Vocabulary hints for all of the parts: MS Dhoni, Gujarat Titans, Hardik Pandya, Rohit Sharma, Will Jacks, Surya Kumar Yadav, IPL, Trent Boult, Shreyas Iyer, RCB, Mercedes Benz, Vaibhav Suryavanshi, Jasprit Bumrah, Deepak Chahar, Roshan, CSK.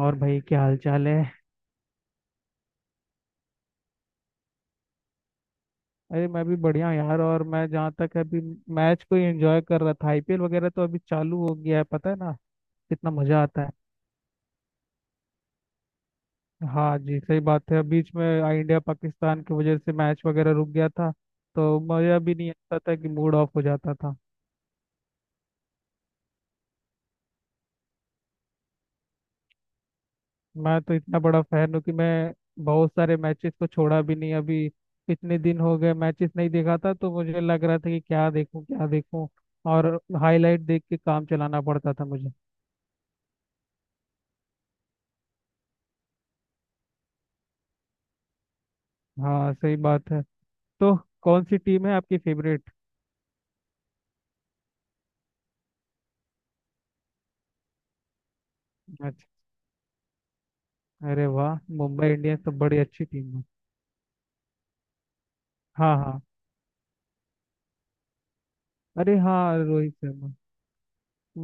और भाई क्या हाल चाल है। अरे मैं भी बढ़िया हूँ यार। और मैं जहाँ तक है, अभी मैच को ही एंजॉय कर रहा था। आईपीएल वगैरह तो अभी चालू हो गया है, पता है ना कितना मजा आता है। हाँ जी सही बात है। बीच में इंडिया पाकिस्तान की वजह से मैच वगैरह रुक गया था, तो मजा भी नहीं आता था, कि मूड ऑफ हो जाता था। मैं तो इतना बड़ा फैन हूँ कि मैं बहुत सारे मैचेस को छोड़ा भी नहीं। अभी इतने दिन हो गए मैचेस नहीं देखा था, तो मुझे लग रहा था कि क्या देखूँ क्या देखूँ, और हाईलाइट देख के काम चलाना पड़ता था मुझे। हाँ सही बात है। तो कौन सी टीम है आपकी फेवरेट मैच। अरे वाह, मुंबई इंडियंस तो बड़ी अच्छी टीम है। हाँ हाँ। अरे हाँ रोहित शर्मा।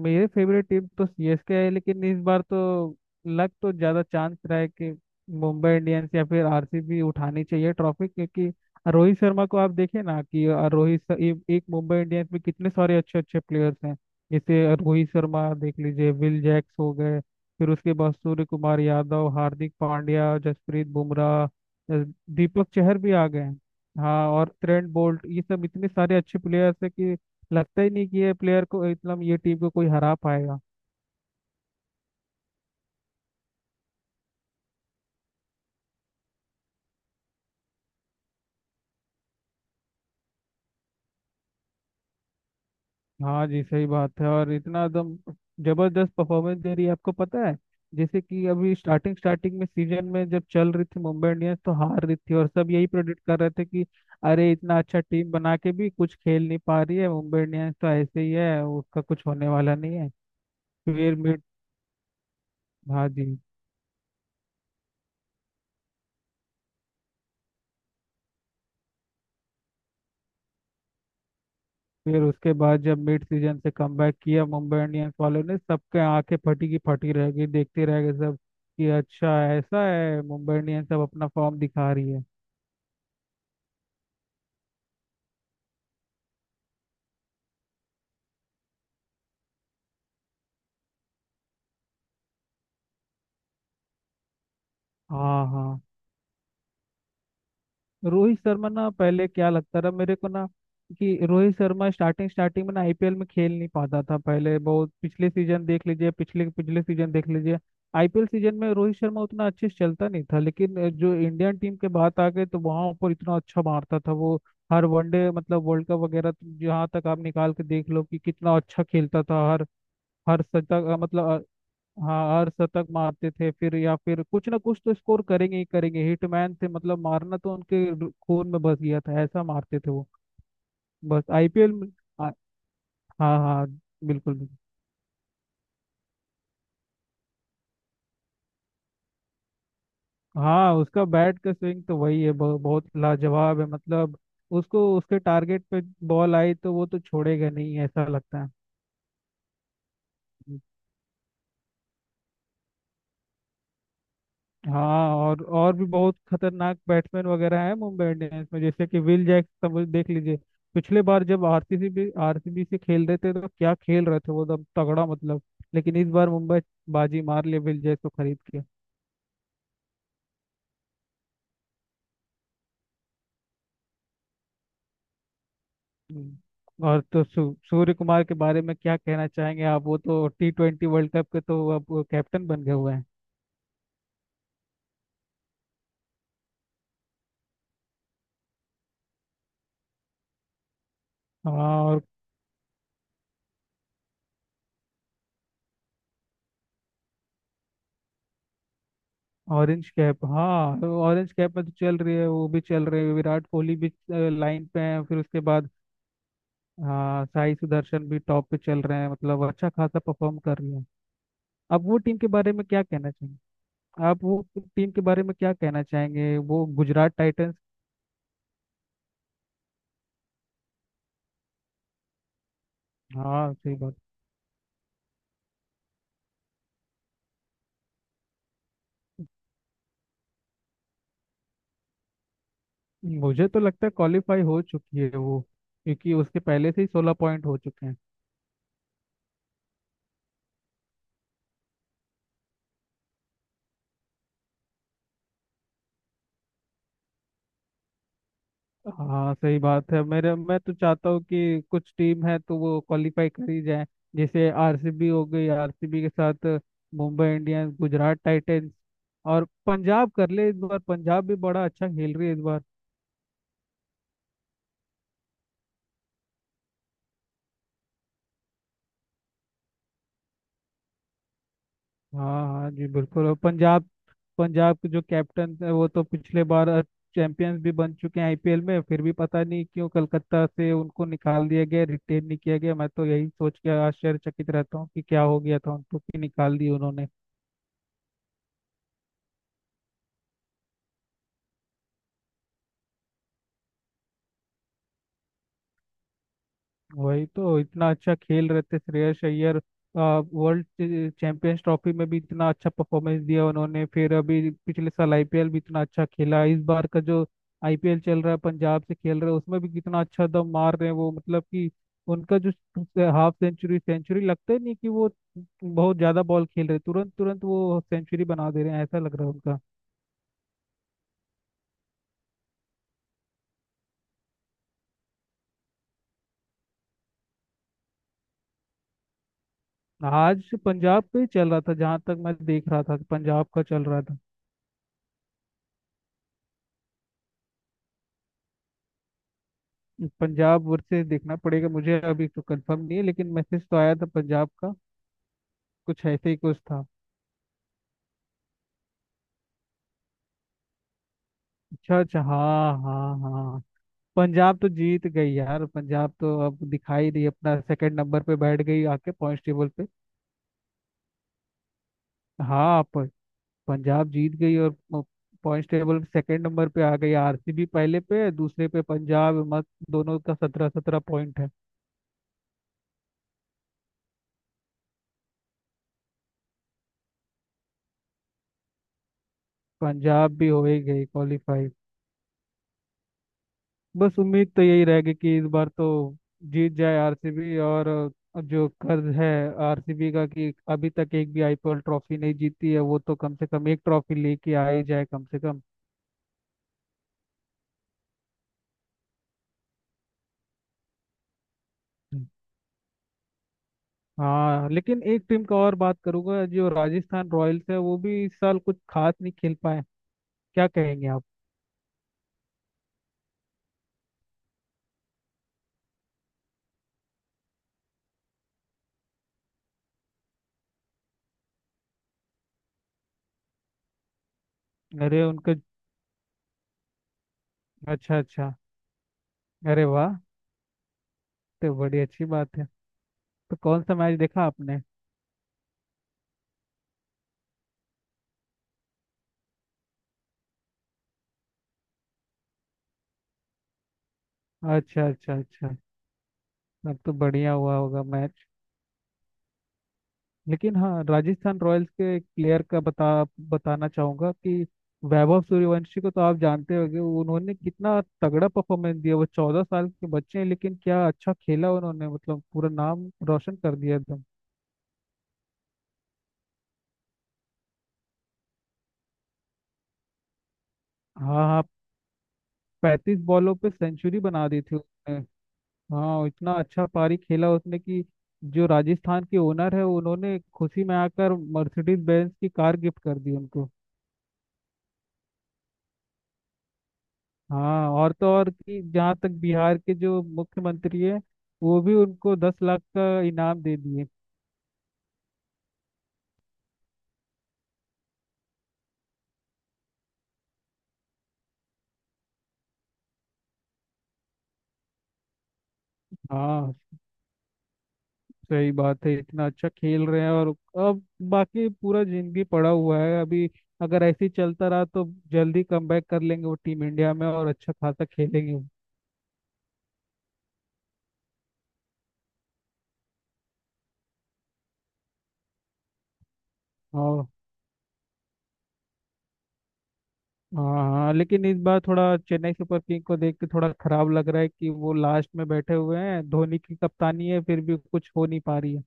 मेरे फेवरेट टीम तो सीएसके है, लेकिन इस बार तो लग तो ज़्यादा चांस रहा है कि मुंबई इंडियंस या फिर आरसीबी उठानी चाहिए ट्रॉफी, क्योंकि रोहित शर्मा को आप देखें ना कि एक एक मुंबई इंडियंस में कितने सारे अच्छे अच्छे प्लेयर्स हैं। जैसे रोहित शर्मा देख लीजिए, विल जैक्स हो गए, फिर उसके बाद सूर्य कुमार यादव, हार्दिक पांड्या, जसप्रीत बुमराह, दीपक चहर भी आ गए हैं। हाँ, और ट्रेंट बोल्ट, ये सब इतने सारे अच्छे प्लेयर्स हैं कि लगता ही नहीं कि ये प्लेयर को इतना, ये टीम को कोई हरा पाएगा। हाँ जी सही बात है। और इतना एकदम जबरदस्त परफॉर्मेंस दे रही है, आपको पता है। जैसे कि अभी स्टार्टिंग स्टार्टिंग में सीजन में जब चल रही थी मुंबई इंडियंस तो हार रही थी, और सब यही प्रेडिक्ट कर रहे थे कि अरे इतना अच्छा टीम बना के भी कुछ खेल नहीं पा रही है मुंबई इंडियंस, तो ऐसे ही है, उसका कुछ होने वाला नहीं है। फिर मिड, हाँ जी, फिर उसके बाद जब मिड सीजन से कमबैक किया मुंबई इंडियंस वालों ने, सबके आंखें फटी की फटी रह गई, देखते रह गए सब कि अच्छा ऐसा है, मुंबई इंडियंस अब अपना फॉर्म दिखा रही है। हाँ हाँ। रोहित शर्मा ना, पहले क्या लगता रहा मेरे को ना, कि रोहित शर्मा स्टार्टिंग स्टार्टिंग में ना आईपीएल में खेल नहीं पाता था पहले बहुत। पिछले सीजन देख लीजिए, पिछले पिछले सीजन देख लीजिए, आईपीएल सीजन में रोहित शर्मा उतना अच्छे से चलता नहीं था, लेकिन जो इंडियन टीम के बात आ गई तो वहाँ ऊपर इतना अच्छा मारता था वो। हर वनडे मतलब वर्ल्ड कप वगैरह तो जहाँ तक आप निकाल के देख लो कि कितना अच्छा खेलता था हर हर शतक, मतलब, हाँ हर शतक मारते थे फिर, या फिर कुछ ना कुछ तो स्कोर करेंगे ही करेंगे। हिटमैन थे मतलब, मारना तो उनके खून में बस गया था, ऐसा मारते थे वो। बस आईपीएल में आ- हाँ हाँ, बिल्कुल बिल्कुल। हाँ, उसका बैट का स्विंग तो वही है, बहुत लाजवाब है मतलब। उसको उसके टारगेट पे बॉल आई तो वो तो छोड़ेगा नहीं, ऐसा लगता है। हाँ, और भी बहुत खतरनाक बैट्समैन वगैरह है मुंबई इंडियंस में, जैसे कि विल जैक समझ देख लीजिए। पिछले बार जब आरसीबी भी, आरसीबी से खेल रहे थे तो क्या खेल रहे थे वो, एकदम तगड़ा मतलब। लेकिन इस बार मुंबई बाजी मार लिए विल जैक को खरीद के। हम्म। और तो सूर्य कुमार के बारे में क्या कहना चाहेंगे आप। वो तो T20 वर्ल्ड कप के तो अब वो कैप्टन बन गए हुए हैं। हाँ और ऑरेंज कैप, हाँ ऑरेंज कैप में तो चल रही है, वो भी चल रही है, विराट कोहली भी लाइन पे है, फिर उसके बाद हाँ साई सुदर्शन भी टॉप पे चल रहे हैं, मतलब अच्छा खासा परफॉर्म कर रही है। अब वो टीम के बारे में क्या कहना चाहेंगे आप, वो टीम के बारे में क्या कहना चाहेंगे, वो गुजरात टाइटंस। हाँ सही बात। मुझे तो लगता है क्वालिफाई हो चुकी है वो, क्योंकि उसके पहले से ही 16 पॉइंट हो चुके हैं। हाँ सही बात है, मेरे, मैं तो चाहता हूँ कि कुछ टीम है तो वो क्वालिफाई कर ही जाए, जैसे आरसीबी हो गई, आरसीबी के साथ मुंबई इंडियंस, गुजरात टाइटंस, और पंजाब कर ले। इस बार पंजाब भी बड़ा अच्छा खेल रही है इस बार। हाँ हाँ जी बिल्कुल, और पंजाब, पंजाब के जो कैप्टन है वो तो पिछले बार चैंपियंस भी बन चुके हैं आईपीएल में, फिर भी पता नहीं क्यों कलकत्ता से उनको निकाल दिया गया, रिटेन नहीं किया गया। मैं तो यही सोच के आश्चर्यचकित रहता हूँ कि क्या हो गया था उनको कि निकाल दिया उन्होंने। वही तो, इतना अच्छा खेल रहे थे Shreyas Iyer, world champions trophy में भी इतना अच्छा परफॉर्मेंस दिया उन्होंने, फिर अभी पिछले साल आईपीएल भी इतना अच्छा खेला। इस बार का जो आईपीएल चल रहा है, पंजाब से खेल रहे हैं, उसमें भी कितना अच्छा दम मार रहे हैं वो, मतलब कि उनका जो हाफ सेंचुरी सेंचुरी लगता ही नहीं कि वो बहुत ज्यादा बॉल खेल रहे, तुरंत तुरंत वो सेंचुरी बना दे रहे हैं, ऐसा लग रहा है उनका। आज पंजाब पे ही चल रहा था जहां तक मैं देख रहा था, पंजाब का चल रहा था। पंजाब वर्सेस, देखना पड़ेगा मुझे, अभी तो कंफर्म नहीं है, लेकिन मैसेज तो आया था पंजाब का कुछ ऐसे ही कुछ था। अच्छा अच्छा, हाँ हाँ हाँ। पंजाब तो जीत गई यार, पंजाब तो अब दिखाई दी, अपना सेकंड नंबर पे बैठ गई आके पॉइंट्स टेबल पे। हाँ, पंजाब जीत गई, और पॉइंट्स टेबल सेकंड नंबर पे आ गई, आरसीबी पहले पे, दूसरे पे पंजाब, मत दोनों का 17-17 पॉइंट है। पंजाब भी हो ही गई क्वालिफाई। बस उम्मीद तो यही रहेगी कि इस बार तो जीत जाए आरसीबी, और जो कर्ज है आरसीबी का कि अभी तक एक भी आईपीएल ट्रॉफी नहीं जीती है, वो तो कम से कम एक ट्रॉफी लेके आ ही जाए कम से कम। हाँ लेकिन एक टीम का और बात करूंगा, जो राजस्थान रॉयल्स है, वो भी इस साल कुछ खास नहीं खेल पाए, क्या कहेंगे आप। अरे उनका, अच्छा अच्छा, अरे वाह, तो बड़ी अच्छी बात है। तो कौन सा मैच देखा आपने। अच्छा अच्छा अच्छा, अब तो बढ़िया हुआ होगा मैच। लेकिन हाँ राजस्थान रॉयल्स के एक प्लेयर का बताना चाहूंगा कि वैभव सूर्यवंशी को तो आप जानते होंगे, उन्होंने कितना तगड़ा परफॉर्मेंस दिया। वो 14 साल के बच्चे हैं, लेकिन क्या अच्छा खेला उन्होंने, मतलब पूरा नाम रोशन कर दिया एकदम। हाँ हाँ, 35 बॉलों पे सेंचुरी बना दी थी उसने। हाँ इतना अच्छा पारी खेला उसने कि जो राजस्थान के ओनर है उन्होंने खुशी में आकर मर्सिडीज बेंज की कार गिफ्ट कर दी उनको। हाँ और तो और कि जहाँ तक बिहार के जो मुख्यमंत्री है, वो भी उनको 10 लाख का इनाम दे दिए। हाँ सही बात है, इतना अच्छा खेल रहे हैं, और अब बाकी पूरा जिंदगी पड़ा हुआ है अभी, अगर ऐसे ही चलता रहा तो जल्दी कमबैक कर लेंगे वो टीम इंडिया में, और अच्छा खासा खेलेंगे वो। और हाँ हाँ, लेकिन इस बार थोड़ा चेन्नई सुपर किंग को देख के थोड़ा खराब लग रहा है कि वो लास्ट में बैठे हुए हैं, धोनी की कप्तानी है फिर भी कुछ हो नहीं पा रही है।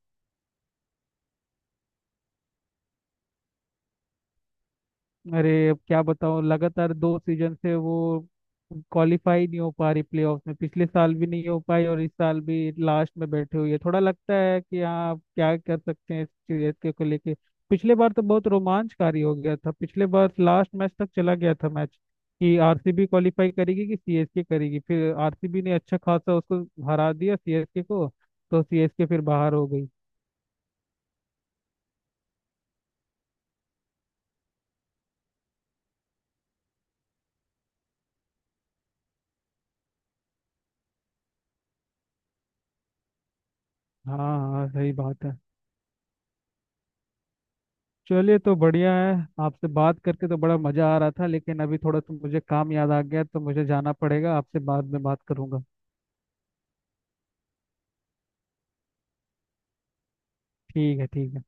अरे अब क्या बताऊं, लगातार 2 सीजन से वो क्वालिफाई नहीं हो पा रही प्लेऑफ में, पिछले साल भी नहीं हो पाई, और इस साल भी लास्ट में बैठे हुई है, थोड़ा लगता है कि हाँ, अब क्या कर सकते हैं इस सीरीज को लेके। पिछले बार तो बहुत रोमांचकारी हो गया था, पिछले बार लास्ट मैच तक चला गया था मैच, कि आरसीबी क्वालिफाई करेगी कि सीएसके करेगी, फिर आरसीबी ने अच्छा खासा उसको हरा दिया सीएसके को, तो सीएसके फिर बाहर हो गई। हाँ हाँ सही बात है। चलिए तो बढ़िया है, आपसे बात करके तो बड़ा मजा आ रहा था, लेकिन अभी थोड़ा सा मुझे काम याद आ गया, तो मुझे जाना पड़ेगा, आपसे बाद में बात करूंगा। ठीक है ठीक है।